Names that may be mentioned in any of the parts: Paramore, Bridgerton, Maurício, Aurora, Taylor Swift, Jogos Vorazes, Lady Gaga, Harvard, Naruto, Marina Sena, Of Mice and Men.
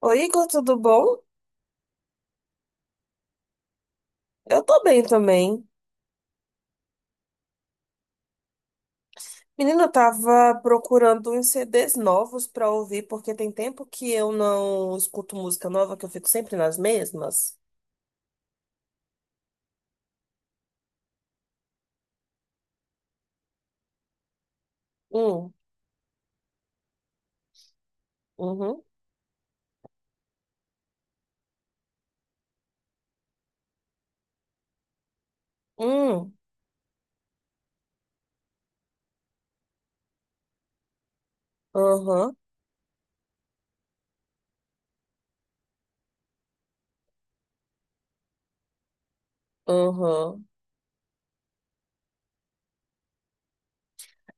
Oi, Igor, tudo bom? Eu tô bem também. Menina, eu tava procurando uns CDs novos pra ouvir, porque tem tempo que eu não escuto música nova, que eu fico sempre nas mesmas. Hum, uhum, hum, aham, aham.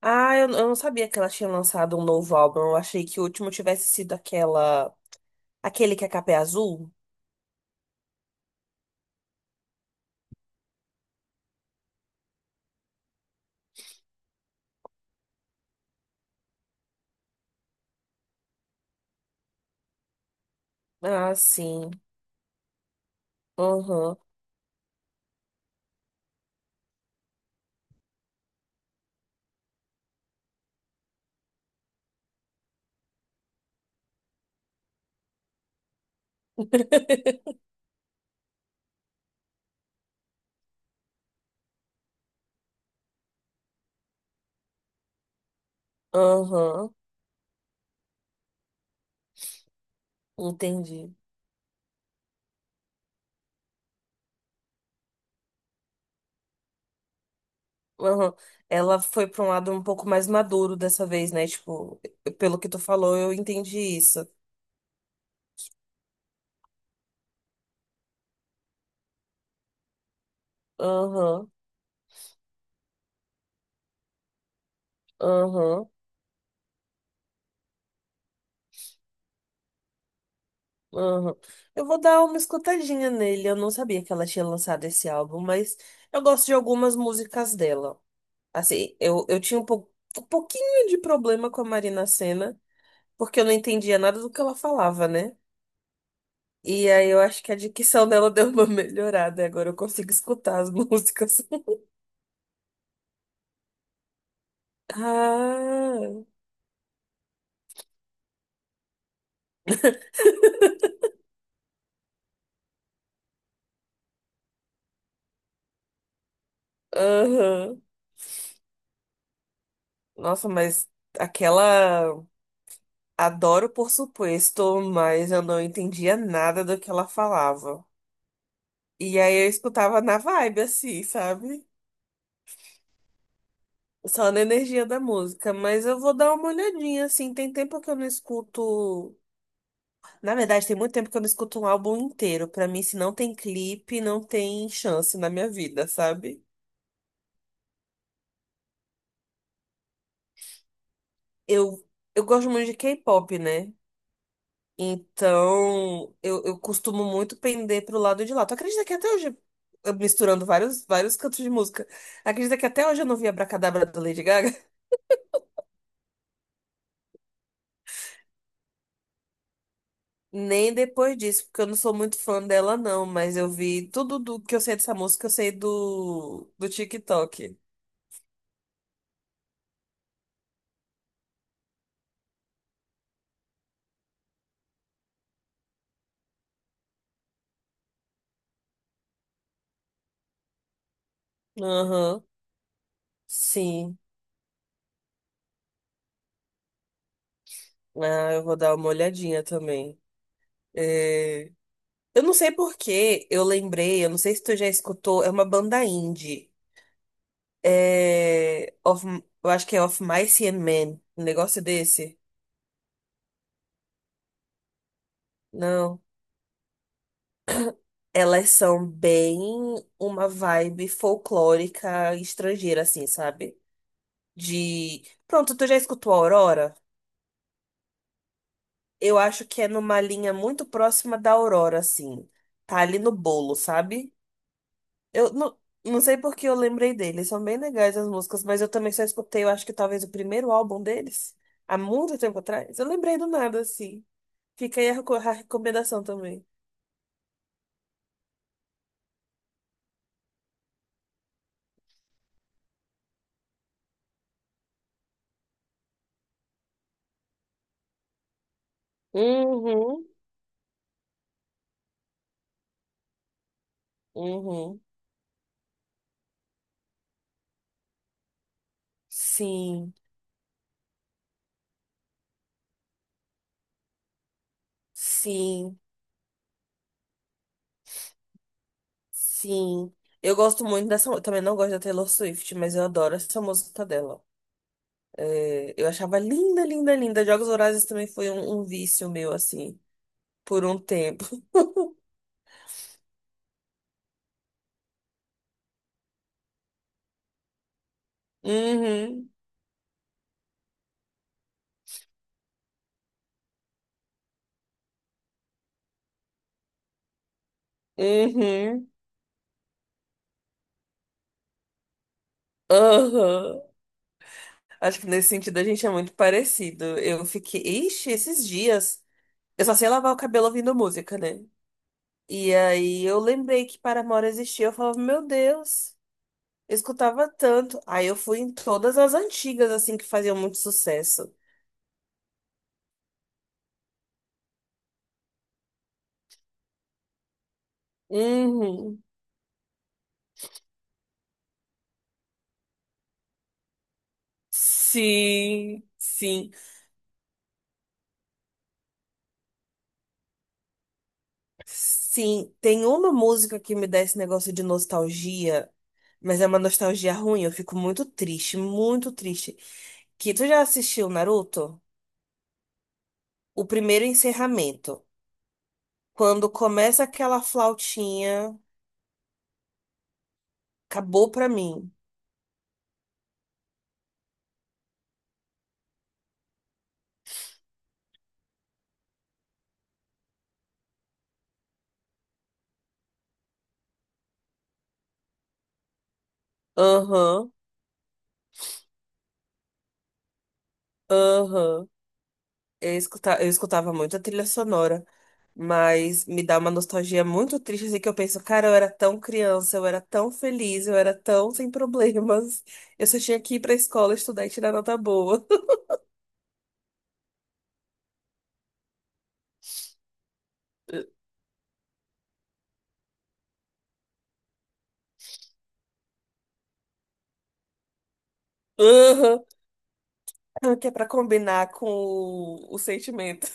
Ah, eu não sabia que ela tinha lançado um novo álbum. Eu achei que o último tivesse sido aquele que a capa é azul. Ah, sim. Aham, aham, entendi. Aham. Ela foi pra um lado um pouco mais maduro dessa vez, né? Tipo, pelo que tu falou, eu entendi isso. Aham, aham, aham. Eu vou dar uma escutadinha nele. Eu não sabia que ela tinha lançado esse álbum, mas eu gosto de algumas músicas dela. Assim, eu tinha um pouquinho de problema com a Marina Sena, porque eu não entendia nada do que ela falava, né? E aí eu acho que a dicção dela deu uma melhorada, e agora eu consigo escutar as músicas. Ah, aham. Nossa, mas aquela. Adoro, por supuesto, mas eu não entendia nada do que ela falava. E aí eu escutava na vibe, assim, sabe? Só na energia da música. Mas eu vou dar uma olhadinha, assim. Tem tempo que eu não escuto. Na verdade, tem muito tempo que eu não escuto um álbum inteiro. Pra mim, se não tem clipe, não tem chance na minha vida, sabe? Eu, eu gosto muito de K-pop, né? Então, eu costumo muito pender pro lado de lá. Tu acredita que até hoje, eu misturando vários cantos de música, acredita que até hoje eu não vi Abracadabra da Lady Gaga? Nem depois disso, porque eu não sou muito fã dela, não, mas eu vi tudo do que eu sei dessa música, eu sei do TikTok. Aham, sim. Ah, eu vou dar uma olhadinha também. É, Eu não sei por que eu lembrei, eu não sei se tu já escutou, é uma banda indie. É, eu acho que é Of Mice and Men, um negócio desse. Não. Elas são bem uma vibe folclórica estrangeira, assim, sabe? De. Pronto, tu já escutou Aurora? Eu acho que é numa linha muito próxima da Aurora, assim. Tá ali no bolo, sabe? Eu não sei por que eu lembrei deles. São bem legais as músicas, mas eu também só escutei, eu acho que talvez o primeiro álbum deles, há muito tempo atrás. Eu lembrei do nada, assim. Fica aí a a recomendação também. Uhum, uhum. Sim, sim, sim. Eu gosto muito dessa. Eu também não gosto da Taylor Swift, mas eu adoro essa música dela. É, eu achava linda, linda, linda. Jogos Vorazes também foi um vício meu, assim, por um tempo. Uhum, uhum, aham. Acho que nesse sentido a gente é muito parecido. Eu fiquei. Ixi, esses dias. Eu só sei lavar o cabelo ouvindo música, né? E aí eu lembrei que Paramore existia, eu falava, meu Deus, eu escutava tanto. Aí eu fui em todas as antigas, assim, que faziam muito sucesso. Uhum. Sim, sim, sim. Tem uma música que me dá esse negócio de nostalgia, mas é uma nostalgia ruim, eu fico muito triste, muito triste. Que tu já assistiu Naruto? O primeiro encerramento. Quando começa aquela flautinha, acabou pra mim. Aham. Aham. Eu escutava muito a trilha sonora, mas me dá uma nostalgia muito triste, assim, que eu penso, cara, eu era tão criança, eu era tão feliz, eu era tão sem problemas. Eu só tinha que ir pra escola estudar e tirar nota boa. Aham. Ah, que é pra combinar com o sentimento.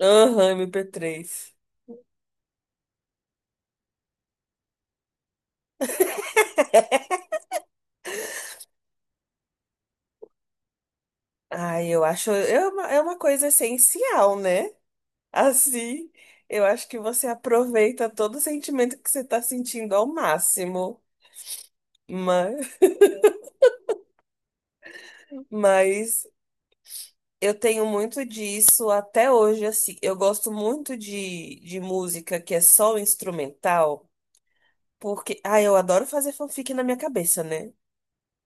Aham, MP3. Ai, eu acho. É uma coisa essencial, né? Assim, eu acho que você aproveita todo o sentimento que você tá sentindo ao máximo. Mas. Mas eu tenho muito disso até hoje, assim. Eu gosto muito de música que é só instrumental, porque, ah, eu adoro fazer fanfic na minha cabeça, né?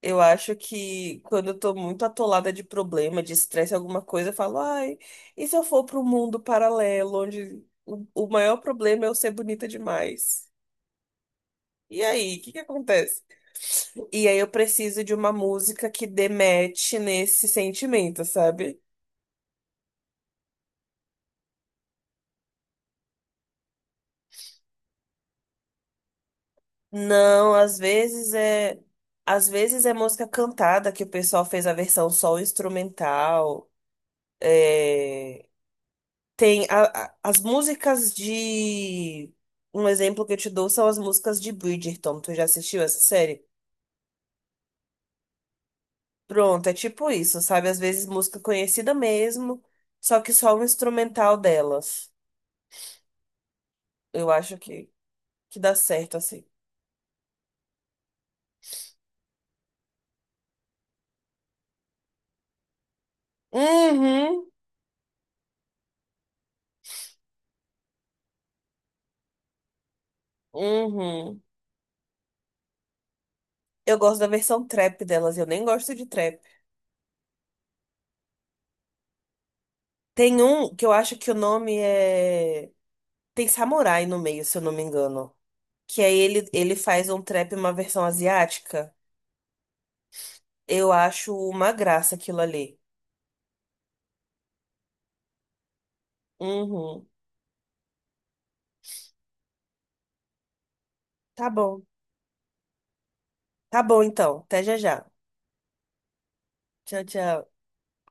Eu acho que quando eu tô muito atolada de problema, de estresse, alguma coisa, eu falo, ai, e se eu for para um mundo paralelo, onde o maior problema é eu ser bonita demais? E aí, o que que acontece? E aí eu preciso de uma música que demete nesse sentimento, sabe? Não, às vezes é, música cantada que o pessoal fez a versão só instrumental. É, tem as músicas de, um exemplo que eu te dou são as músicas de Bridgerton. Tu já assistiu essa série? Pronto, é tipo isso, sabe? Às vezes música conhecida mesmo, só que só o instrumental delas. Eu acho que dá certo assim. Uhum, uhum. Eu gosto da versão trap delas, eu nem gosto de trap. Tem um que eu acho que o nome é. Tem samurai no meio, se eu não me engano. Que aí ele faz um trap, uma versão asiática. Eu acho uma graça aquilo ali. Uhum. Tá bom. Tá bom, então. Até já já. Tchau, tchau.